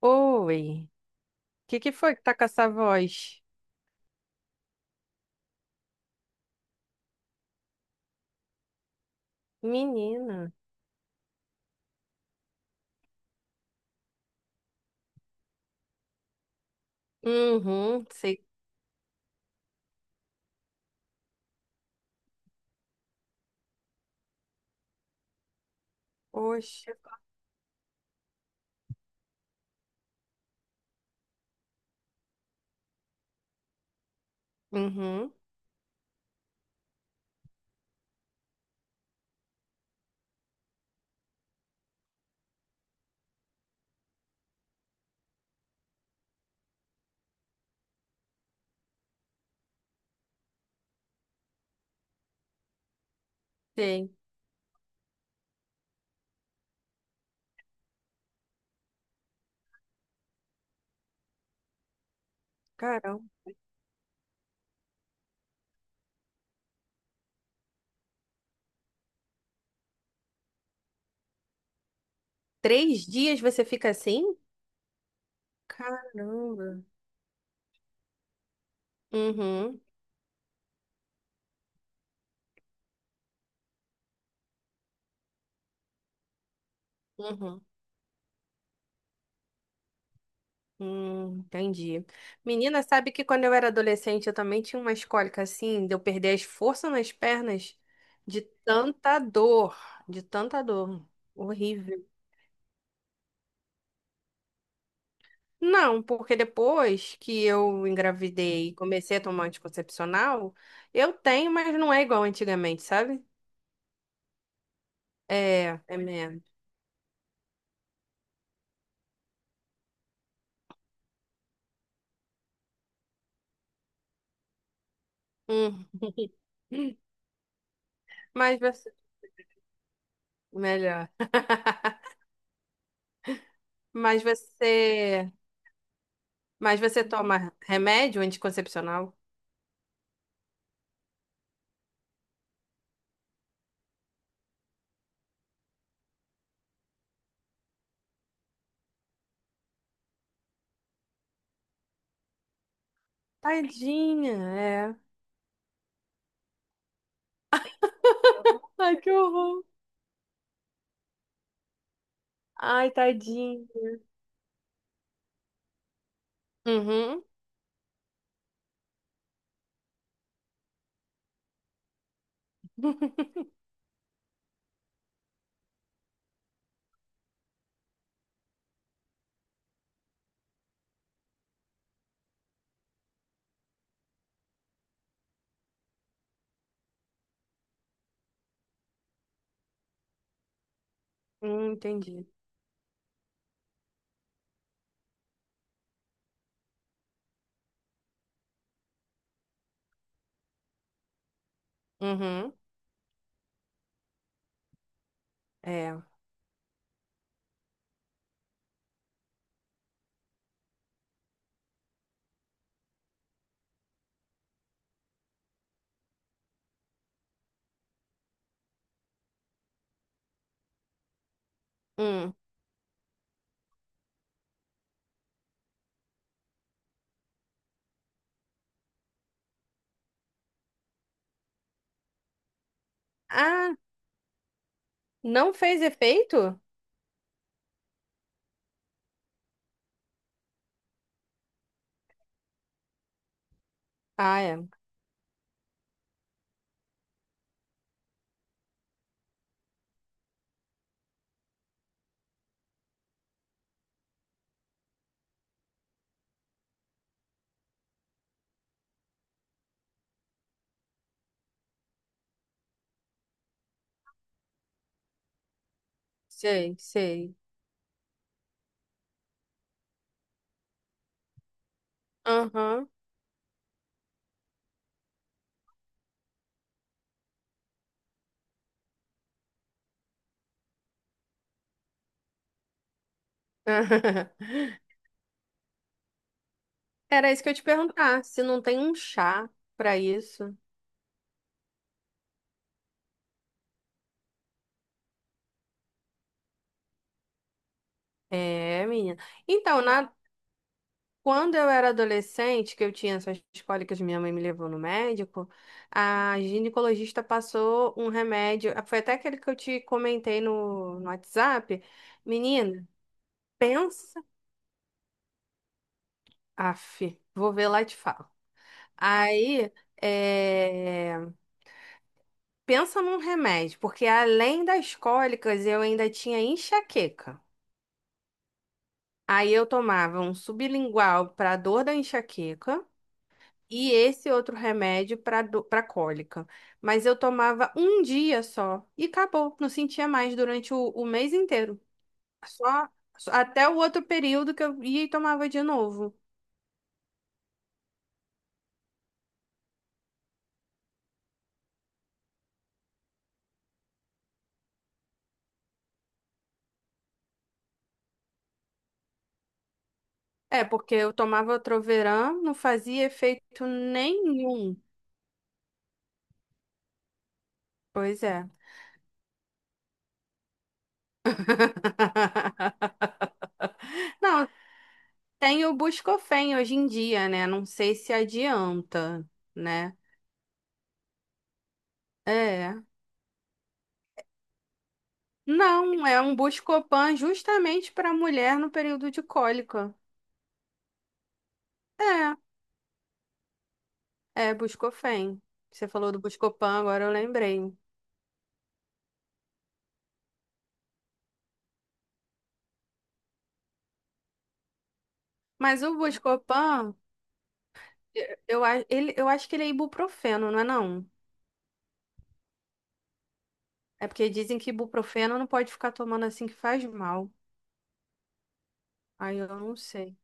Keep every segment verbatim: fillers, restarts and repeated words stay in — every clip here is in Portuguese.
Oi, o que que foi que tá com essa voz? Menina. Uhum, sei. Poxa. Uhum, sei. Caramba. Três dias você fica assim? Caramba. Uhum, uhum. Hum, entendi. Menina, sabe que quando eu era adolescente eu também tinha umas cólicas assim, de eu perder as forças nas pernas de tanta dor, de tanta dor. Horrível. Não, porque depois que eu engravidei e comecei a tomar anticoncepcional, eu tenho, mas não é igual antigamente, sabe? É, é menos. Hum. Mas você... Melhor. Mas você... Mas você toma remédio anticoncepcional? Tadinha, é. Ai, que horror. Ai, tadinha. Uhum. Hum, entendi. Uhum. É. Hum. Ah, não fez efeito? Ah, é. Sei, sei. Aham. Era isso que eu ia te perguntar, se não tem um chá pra isso. É, menina. Então, na- Quando eu era adolescente, que eu tinha essas cólicas, minha mãe me levou no médico, a ginecologista passou um remédio, ah, foi até aquele que eu te comentei no, no WhatsApp. Menina, pensa. Aff, vou ver lá e te falo. Aí, é. Pensa num remédio, porque além das cólicas eu ainda tinha enxaqueca. Aí eu tomava um sublingual para dor da enxaqueca e esse outro remédio para para cólica. Mas eu tomava um dia só e acabou, não sentia mais durante o, o mês inteiro. Só, só até o outro período que eu ia e tomava de novo. É, porque eu tomava Troveran, não fazia efeito nenhum. Pois é. Não, tem o Buscofem hoje em dia, né? Não sei se adianta, né? É. Não, é um Buscopan justamente para mulher no período de cólica. É, é Buscofem. Você falou do Buscopan, agora eu lembrei. Mas o Buscopan, eu, eu a- ele, Eu acho que ele é ibuprofeno, não é não? É porque dizem que ibuprofeno não pode ficar tomando assim que faz mal. Aí eu não sei.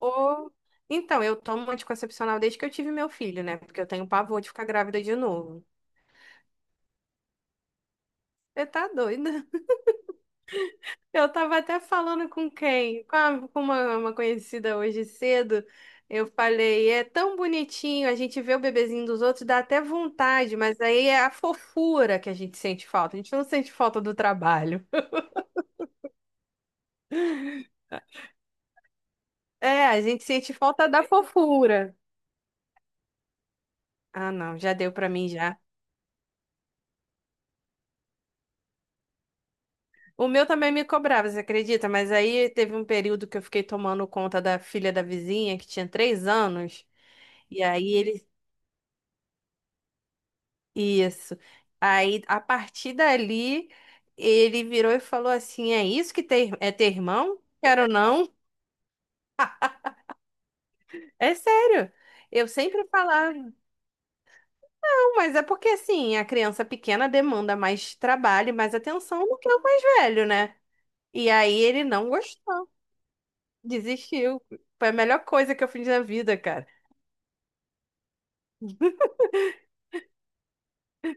Ou... Então, eu tomo anticoncepcional desde que eu tive meu filho, né? Porque eu tenho pavor de ficar grávida de novo. Você tá doida? Eu tava até falando com quem? Com a- com uma, uma conhecida hoje cedo. Eu falei, é tão bonitinho, a gente vê o bebezinho dos outros, dá até vontade, mas aí é a fofura que a gente sente falta. A gente não sente falta do trabalho. É, a gente sente falta da fofura. Ah, não, já deu pra mim já. O meu também me cobrava, você acredita? Mas aí teve um período que eu fiquei tomando conta da filha da vizinha, que tinha três anos. E aí ele Isso. Aí, a partir dali, ele virou e falou assim: é isso que ter, é ter irmão? Quero não. É sério. Eu sempre falava, não, mas é porque assim, a criança pequena demanda mais trabalho, e mais atenção do que o mais velho, né? E aí ele não gostou, desistiu. Foi a melhor coisa que eu fiz na vida, cara.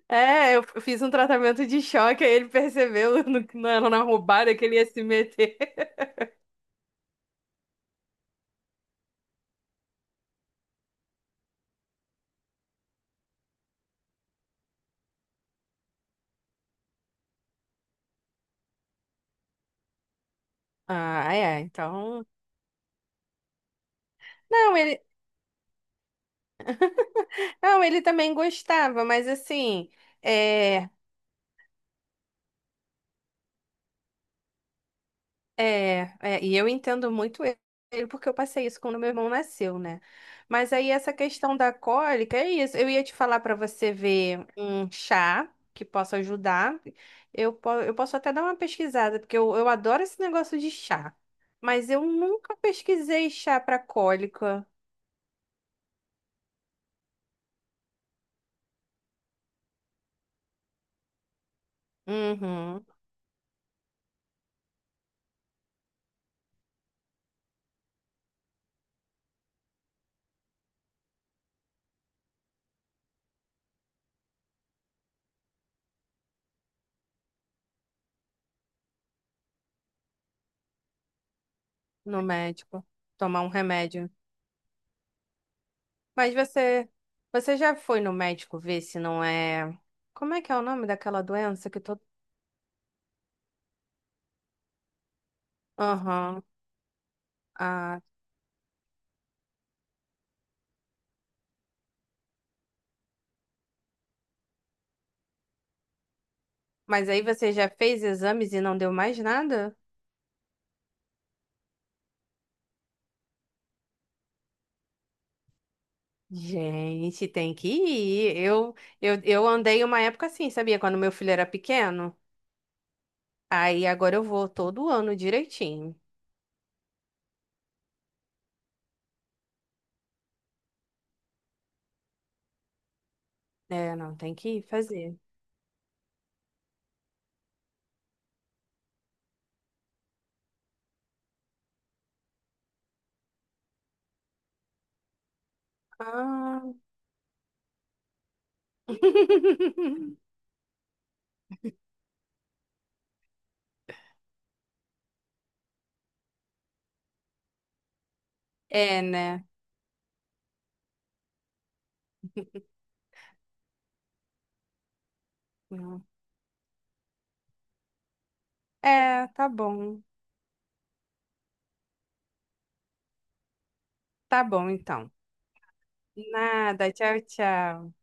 É, eu f- fiz um tratamento de choque, aí ele percebeu no- na, na roubada que ele ia se meter. Ah, é, então. Não, ele, Não, ele também gostava, mas assim, é, é, é, e eu entendo muito ele, porque eu passei isso quando meu irmão nasceu, né? Mas aí essa questão da cólica, é isso. Eu ia te falar para você ver um chá que possa ajudar. Eu, po- eu posso até dar uma pesquisada, porque eu, eu adoro esse negócio de chá. Mas eu nunca pesquisei chá para cólica. Uhum, no médico, tomar um remédio. Mas você, Você já foi no médico ver se não é. Como é que é o nome daquela doença que todo, aham. Ah, mas aí você já fez exames e não deu mais nada? Gente, tem que ir. Eu, eu, eu andei uma época assim, sabia? Quando meu filho era pequeno. Aí agora eu vou todo ano direitinho. É, não, tem que ir fazer. Ah. É, né? É, tá bom. Tá bom, então. Nada, tchau, tchau.